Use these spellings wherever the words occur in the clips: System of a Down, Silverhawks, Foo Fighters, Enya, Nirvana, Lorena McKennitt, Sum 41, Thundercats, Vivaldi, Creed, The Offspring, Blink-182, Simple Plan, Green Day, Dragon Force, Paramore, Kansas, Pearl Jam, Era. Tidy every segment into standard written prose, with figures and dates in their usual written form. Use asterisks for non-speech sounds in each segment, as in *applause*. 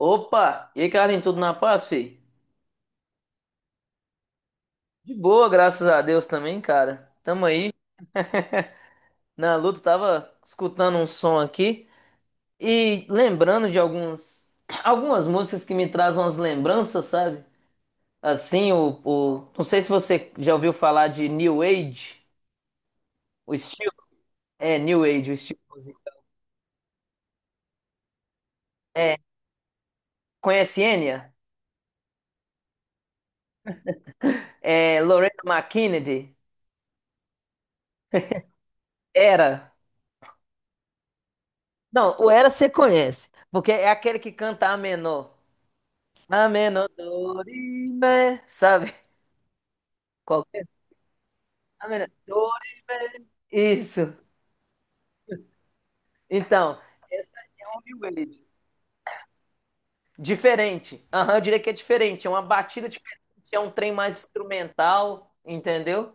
Opa! E aí, Carlinhos, tudo na paz, fi? De boa, graças a Deus também, cara. Tamo aí na luta, tava escutando um som aqui e lembrando de algumas músicas que me trazem umas lembranças, sabe? Assim, não sei se você já ouviu falar de New Age, o estilo. É, New Age, o estilo musical. Conhece Enya? É, Lorena McKennedy? Era. Não, o Era você conhece, porque é aquele que canta a menor. Ameno, dorime, sabe? Qualquer. Ameno, dorime. Isso. Então, essa é um new wave. Diferente. Aham, eu diria que é diferente. É uma batida diferente. É um trem mais instrumental, entendeu?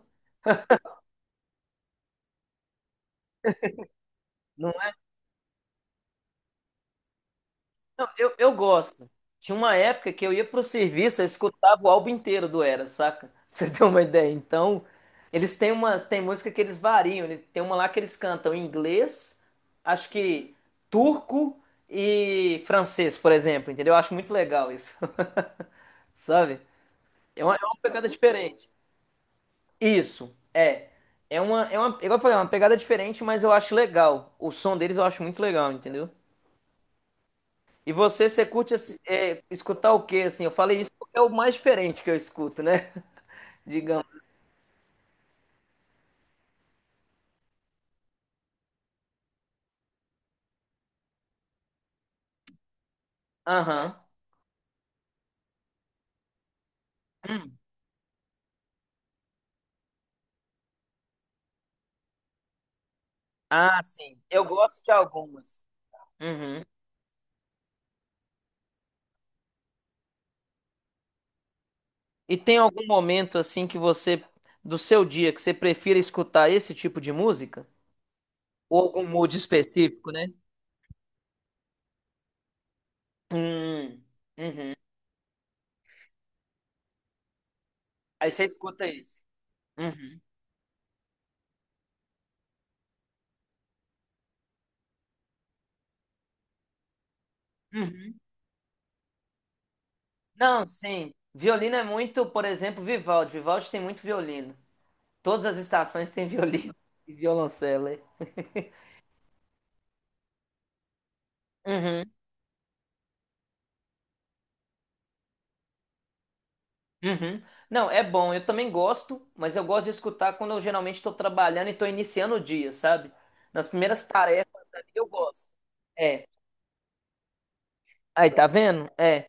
Não, eu gosto. Tinha uma época que eu ia pro serviço, eu escutava o álbum inteiro do Era, saca? *laughs* Pra você ter uma ideia. Então, eles têm tem música que eles variam. Tem uma lá que eles cantam em inglês, acho que turco e francês, por exemplo, entendeu? Eu acho muito legal isso, *laughs* sabe? É uma pegada diferente. Isso, é. Igual eu falei, é uma pegada diferente, mas eu acho legal. O som deles eu acho muito legal, entendeu? E você, você curte assim, escutar o quê, assim? Eu falei isso porque é o mais diferente que eu escuto, né? *laughs* Digamos. Aham. Hum. Ah, sim. Eu gosto de algumas. Uhum. E tem algum momento, assim, que você, do seu dia, que você prefira escutar esse tipo de música? Ou algum mood específico, né? Hum. Uhum. Aí você escuta isso. Uhum. Uhum. Não, sim. Violino é muito, por exemplo, Vivaldi. Vivaldi tem muito violino. Todas as estações têm violino *laughs* e violoncelo. É. Uhum, uhum. Não, é bom, eu também gosto, mas eu gosto de escutar quando eu geralmente estou trabalhando e estou iniciando o dia, sabe? Nas primeiras tarefas ali eu gosto. É. Aí, tá vendo? É.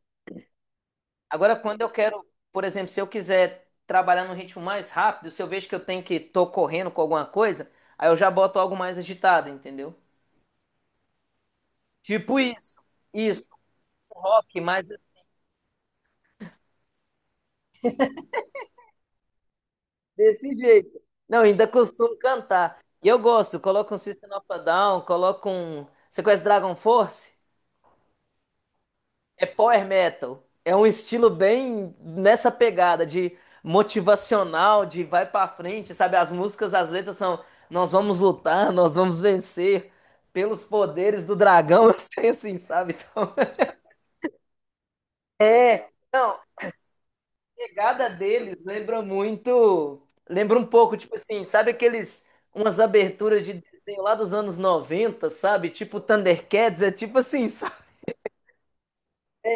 Agora, quando eu quero, por exemplo, se eu quiser trabalhar num ritmo mais rápido, se eu vejo que eu tenho que tô correndo com alguma coisa, aí eu já boto algo mais agitado, entendeu? Tipo isso. Isso, um rock mais. Desse jeito. Não, ainda costumo cantar. E eu gosto, coloco um System of a Down, coloco um. Você conhece Dragon Force? É power metal. É um estilo bem nessa pegada de motivacional, de vai pra frente, sabe? As músicas, as letras são nós vamos lutar, nós vamos vencer pelos poderes do dragão, *laughs* eu assim, sabe? Então, é. Pegada deles lembra muito. Lembra um pouco, tipo assim, sabe aqueles. Umas aberturas de desenho lá dos anos 90, sabe? Tipo Thundercats, é tipo assim, *laughs* sabe?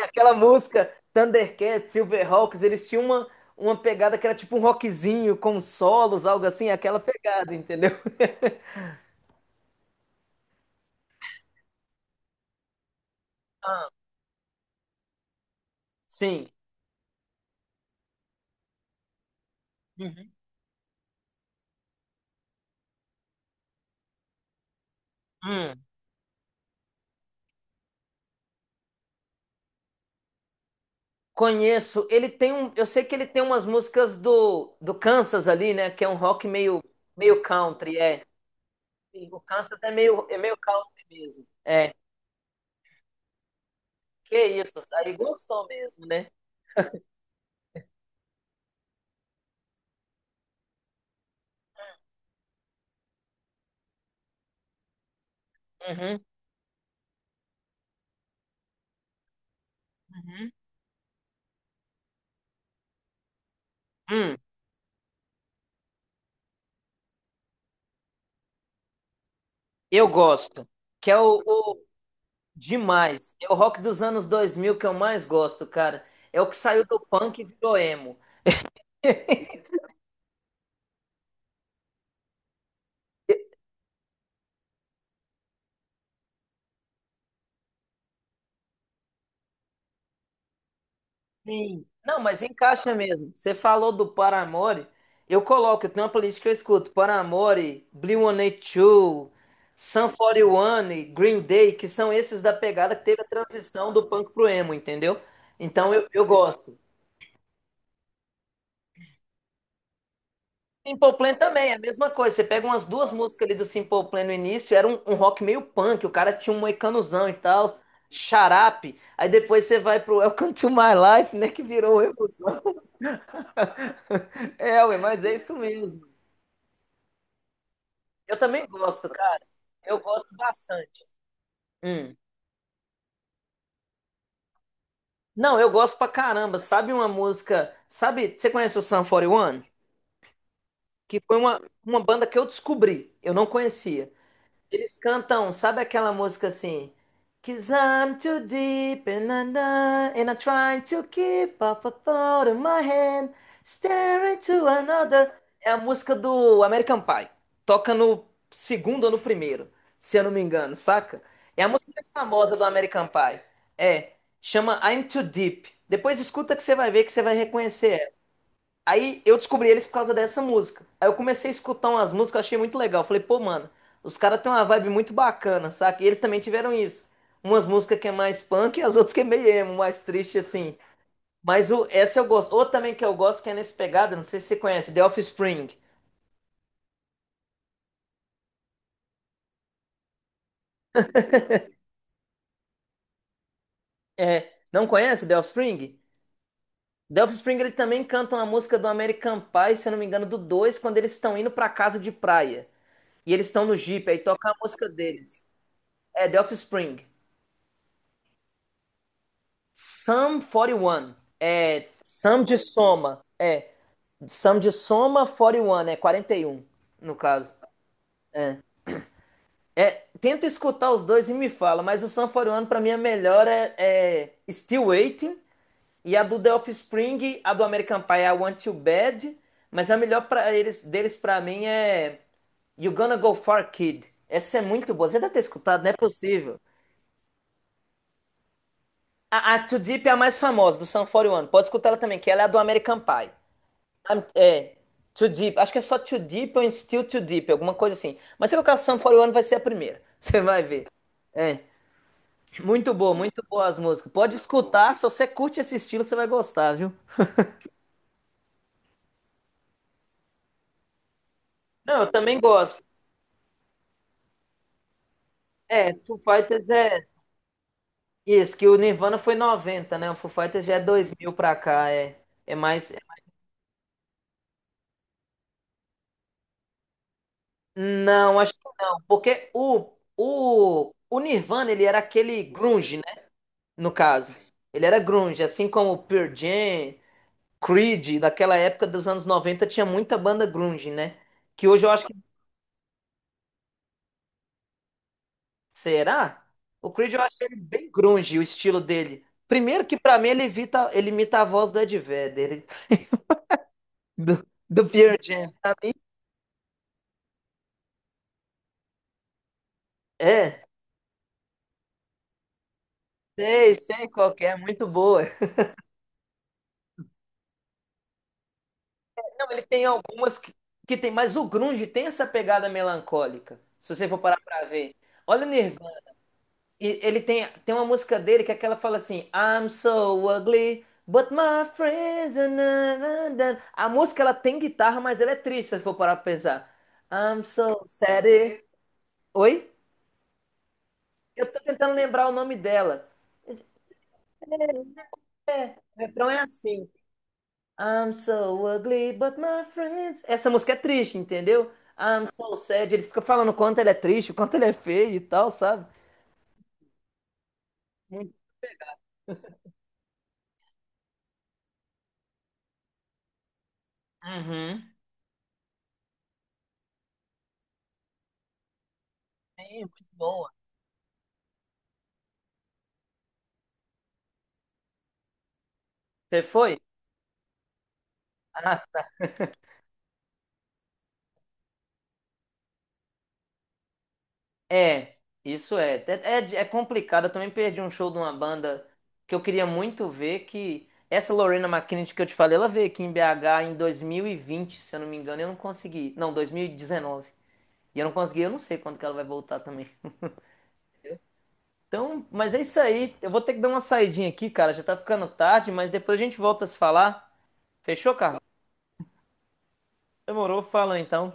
Aquela música Thundercats, Silverhawks, eles tinham uma, pegada que era tipo um rockzinho com solos, algo assim, aquela pegada, entendeu? Sim. Uhum. Hum. Conheço. Ele tem um. Eu sei que ele tem umas músicas do Kansas ali, né? Que é um rock meio, meio country, é. Sim, o Kansas é meio country mesmo. É, que isso, aí gostou mesmo, né? Uhum, uhum. Hum, eu gosto, que é o- demais. É o rock dos anos 2000 que eu mais gosto, cara. É o que saiu do punk e virou emo. Sim. Não, mas encaixa mesmo. Você falou do Paramore. Eu tenho uma playlist que eu escuto. Paramore, Blink-182, Sum 41, Green Day, que são esses da pegada que teve a transição do punk pro emo, entendeu? Então eu gosto. Simple Plan também, é a mesma coisa. Você pega umas duas músicas ali do Simple Plan no início, era um rock meio punk, o cara tinha um moicanozão e tal, xarape. Aí depois você vai pro Welcome to My Life, né, que virou emo. *laughs* É, ué, mas é isso mesmo. Eu também gosto, cara. Eu gosto bastante. Hum. Não, eu gosto pra caramba. Sabe uma música? Sabe, você conhece o Sum 41? Que foi uma banda que eu descobri. Eu não conhecia. Eles cantam, sabe aquela música assim? Cause I'm too deep and, I'm not- and I'm trying to keep up a thought in my head, staring to another. É a música do American Pie. Toca no segundo ou no primeiro, se eu não me engano, saca? É a música mais famosa do American Pie. É, chama I'm Too Deep. Depois escuta que você vai ver que você vai reconhecer. Aí eu descobri eles por causa dessa música. Aí eu comecei a escutar umas músicas, achei muito legal. Falei, pô, mano, os caras têm uma vibe muito bacana, saca? E eles também tiveram isso. Umas músicas que é mais punk e as *laughs* outras que é meio emo, mais triste assim. Essa eu gosto. Outra também que eu gosto que é nesse pegada, não sei se você conhece, The Offspring. É, não conhece The Offspring? The Offspring ele também canta uma música do American Pie, se eu não me engano, do 2, quando eles estão indo pra casa de praia. E eles estão no Jeep, aí toca a música deles. É, The Offspring. Sum 41. É. Sum de soma. É. Sum de soma 41. É 41 no caso. É, tenta escutar os dois e me fala, mas o Sum 41 pra mim é melhor é, Still Waiting, e a do The Offspring, a do American Pie é I Want You Bad, mas a melhor deles pra mim é You Gonna Go Far Kid. Essa é muito boa. Você deve ter escutado, não é possível. A Too Deep é a mais famosa do Sun 41. Pode escutar ela também, que ela é a do American Pie. É, Too Deep. Acho que é só Too Deep ou Still Too Deep, alguma coisa assim. Mas se eu colocar Sum 41 vai ser a primeira. *laughs* Você vai ver. É, muito boa as músicas. Pode escutar, se você curte esse estilo, você vai gostar, viu? Não, eu também gosto. É, Foo Fighters é isso, que o Nirvana foi 90, né? O Foo Fighters já é 2000 pra cá, é. É mais. Não, acho que não, porque o Nirvana, ele era aquele grunge, né? No caso. Ele era grunge, assim como o Pearl Jam, Creed, daquela época dos anos 90 tinha muita banda grunge, né? Que hoje eu acho que. Será? O Creed eu acho ele bem grunge, o estilo dele. Primeiro que pra mim ele imita a voz do Ed Vedder, do Pearl Jam. É, sei qual que é, muito boa. Não, ele tem algumas que tem, mas o grunge tem essa pegada melancólica, se você for parar pra ver. Olha o Nirvana. E ele tem, uma música dele que é aquela fala assim: I'm so ugly, but my friends are na- na- na. A música ela tem guitarra, mas ela é triste, se for parar pra pensar. I'm so sad. Oi? Eu tô tentando lembrar o nome dela. É, o refrão é assim: I'm so ugly, but my friends. Essa música é triste, entendeu? I'm so sad. Eles ficam falando o quanto ele é triste, o quanto ele é feio e tal, sabe? Muito- Uhum. Sim, muito boa. Você foi? Ah, é, isso é. É, complicado. Eu também perdi um show de uma banda que eu queria muito ver, que essa Lorena McKennitt que eu te falei, ela veio aqui em BH em 2020, se eu não me engano, e eu não consegui. Não, 2019. E 19. E eu não consegui, eu não sei quando que ela vai voltar também. Então, mas é isso aí. Eu vou ter que dar uma saidinha aqui, cara. Já tá ficando tarde, mas depois a gente volta a se falar. Fechou, Carlos? Demorou, fala então.